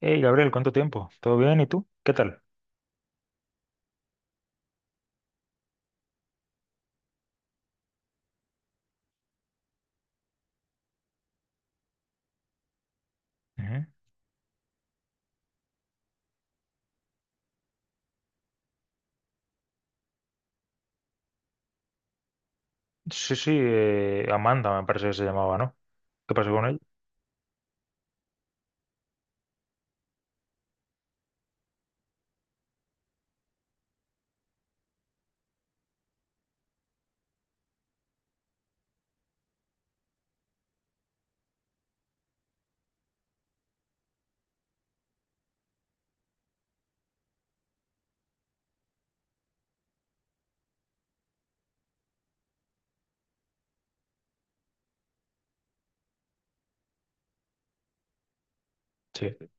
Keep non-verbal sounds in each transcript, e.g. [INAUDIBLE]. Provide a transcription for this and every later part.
Hey, Gabriel, ¿cuánto tiempo? ¿Todo bien? ¿Y tú? ¿Qué tal? Ujú. Sí, sí, Amanda me parece que se llamaba, ¿no? ¿Qué pasó con ella? Sí.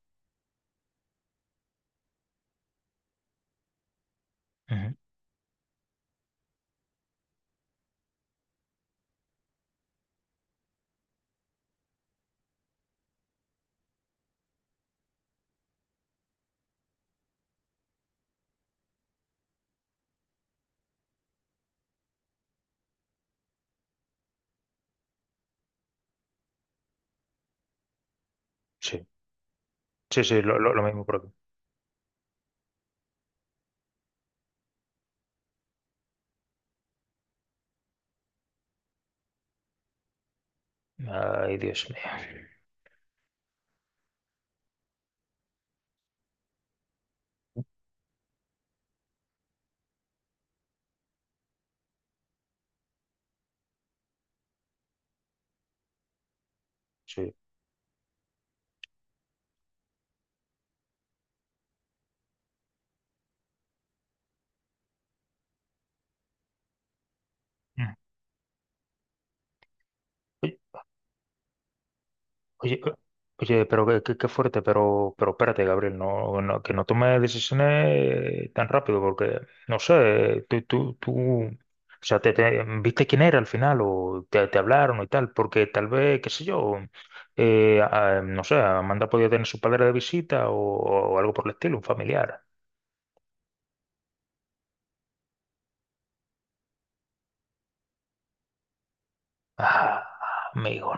Ujú. Sí, sí, sí, lo mismo por aquí. Ay, Dios mío. Sí. Ujú. Oye, o- oye, pero qué fuerte, pero espérate, Gabriel, que no tome decisiones tan rápido, porque, no sé, tú, o sea, ¿viste quién era al final o te hablaron y tal? Porque tal vez, qué sé yo, no sé, Amanda podía tener su padre de visita o algo por el estilo, un familiar. Ah, amigo,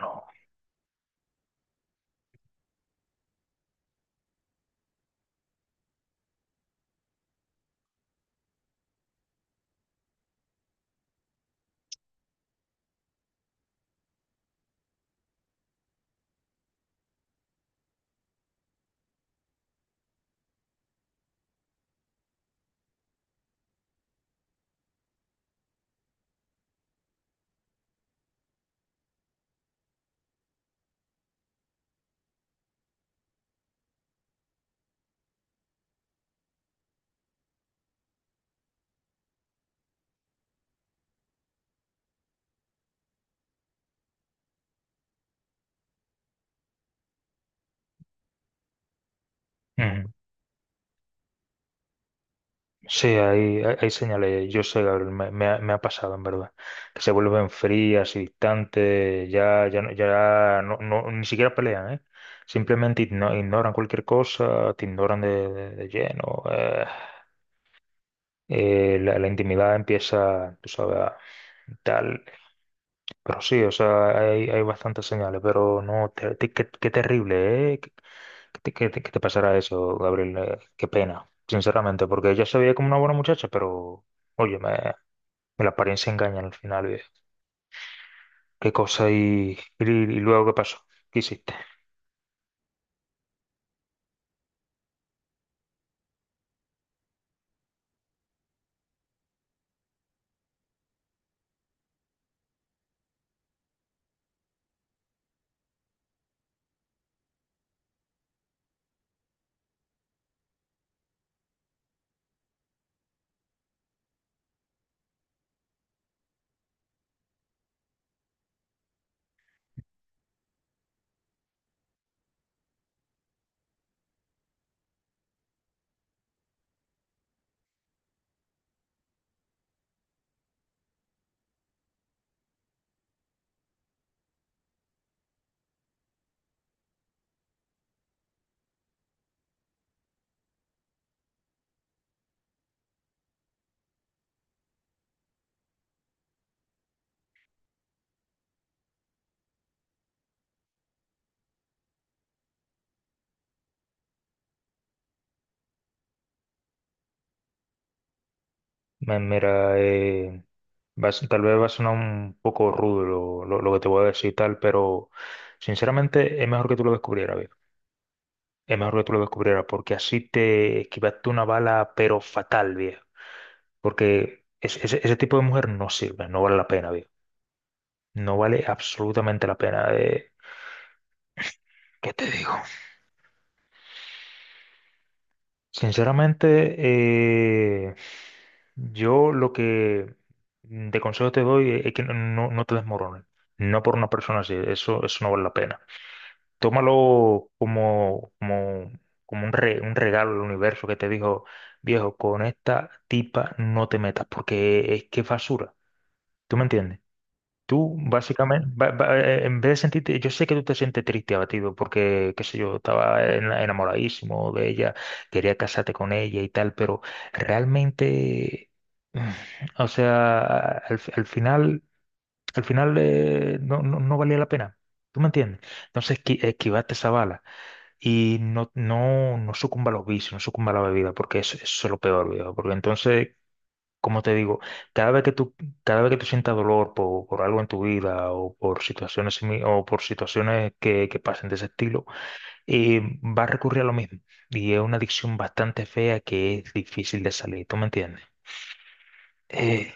no. Sí, hay señales, yo sé, Gabriel, me ha pasado en verdad, que se vuelven frías y distantes, ni siquiera pelean, ¿eh? Simplemente ignoran cualquier cosa, te ignoran de lleno, la intimidad empieza, tú sabes, a- tal. Pero sí, o sea, hay bastantes señales, pero no, te- te- qué, qué terrible, ¿eh? ¿ qué te pasará eso, Gabriel? Qué pena, sinceramente, porque ella se veía como una buena muchacha, pero, oye, me la apariencia engaña al final, viejo. ¿Qué cosa y luego qué pasó? ¿Qué hiciste? Mira, tal vez va a sonar un poco rudo lo que te voy a decir y tal, pero sinceramente es mejor que tú lo descubrieras. Es mejor que tú lo descubrieras, porque así te esquivaste una bala, pero fatal, viejo. Porque ese tipo de mujer no sirve, no vale la pena, viejo. No vale absolutamente la pena. Eh, ¿qué te digo? Sinceramente, yo lo que de consejo te doy es que no te desmorones. No por una persona así, eso no vale la pena. Tómalo como, como, como un regalo del universo que te dijo, viejo, con esta tipa no te metas, porque es que es basura. ¿Tú me entiendes? Tú básicamente, en vez de sentirte, yo sé que tú te sientes triste, abatido, porque, qué sé yo, estaba enamoradísimo de ella, quería casarte con ella y tal, pero realmente, [SIGHS] mm, o sea, al final, al final, no valía la pena. ¿Tú me entiendes? Entonces, esquivaste esa bala y no sucumba a los vicios, no sucumba a la bebida, porque eso es lo peor, viejo. Porque entonces, como te digo, cada vez que tú, cada vez que tú sientas dolor por algo en tu vida o por situaciones, o por situaciones que pasen de ese estilo, va a recurrir a lo mismo. Y es una adicción bastante fea que es difícil de salir, ¿tú me entiendes? Eh,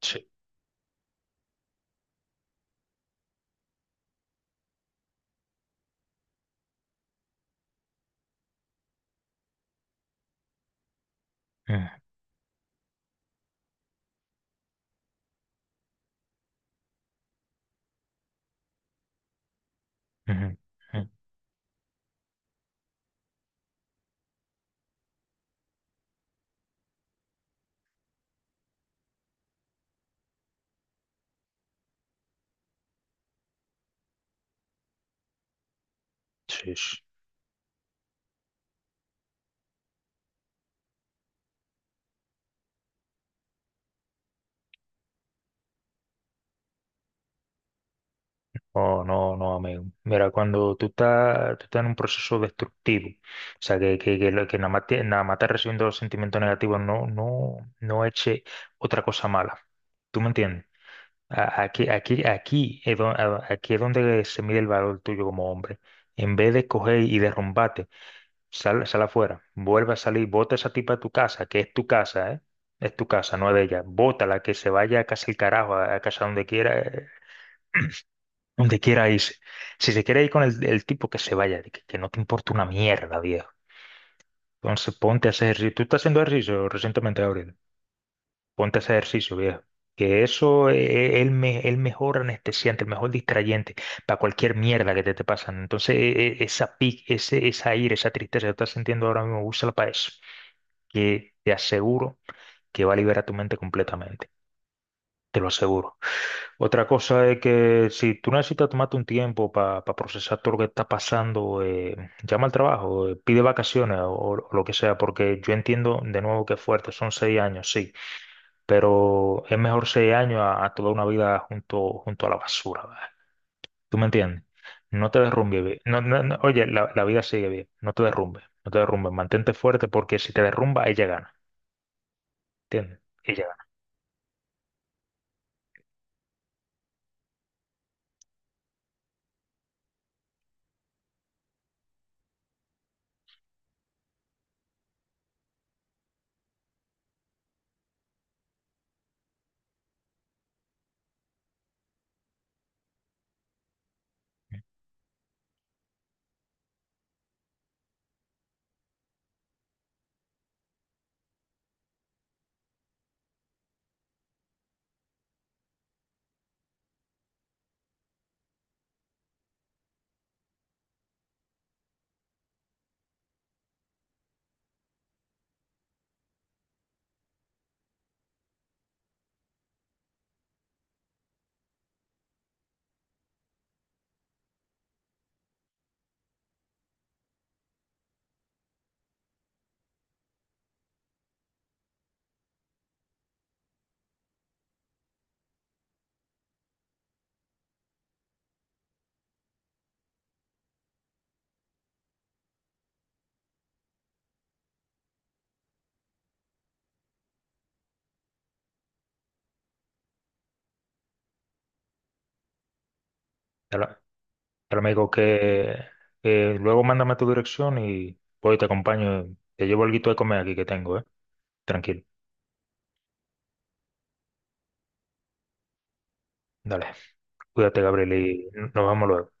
sí. Ujú, ujú, ujú. Sí, sí. Oh, no, no, amigo. Mira, cuando tú estás en un proceso destructivo, o sea, que nada más te, nada más estás recibiendo los sentimientos negativos, no eche otra cosa mala. ¿Tú me entiendes? Aquí, aquí, aquí es donde se mide el valor tuyo como hombre. En vez de coger y derrumbarte, sal, sal afuera, vuelve a salir, bota a esa tipa de tu casa, que es tu casa, ¿eh? Es tu casa, no es de ella. Bótala, que se vaya a casa el carajo, a casa donde quiera irse. Si se quiere ir con el tipo, que se vaya, que no te importa una mierda, viejo. Entonces ponte a hacer ejercicio. Tú estás haciendo ejercicio recientemente, Gabriel. Ponte a hacer ejercicio, viejo. Que eso es el mejor anestesiante, el mejor distrayente para cualquier mierda que te pasan. Entonces, esa ira, esa tristeza que estás sintiendo ahora mismo, úsala para eso. Que te aseguro que va a liberar tu mente completamente. Te lo aseguro. Otra cosa es que si tú necesitas tomarte un tiempo para procesar todo lo que está pasando, llama al trabajo, pide vacaciones o lo que sea, porque yo entiendo de nuevo que es fuerte, son 6 años, sí, pero es mejor 6 años a toda una vida junto, junto a la basura, ¿verdad? ¿Tú me entiendes? No te derrumbes, ve- no, no, no, oye, la vida sigue bien, no te derrumbes, no te derrumbes, mantente fuerte porque si te derrumba, ella gana, ¿entiendes? Ella gana. Pero me dijo que luego mándame tu dirección y voy y te acompaño. Te llevo algo de comer aquí que tengo, ¿eh? Tranquilo. Dale. Cuídate, Gabriel, y nos vamos luego.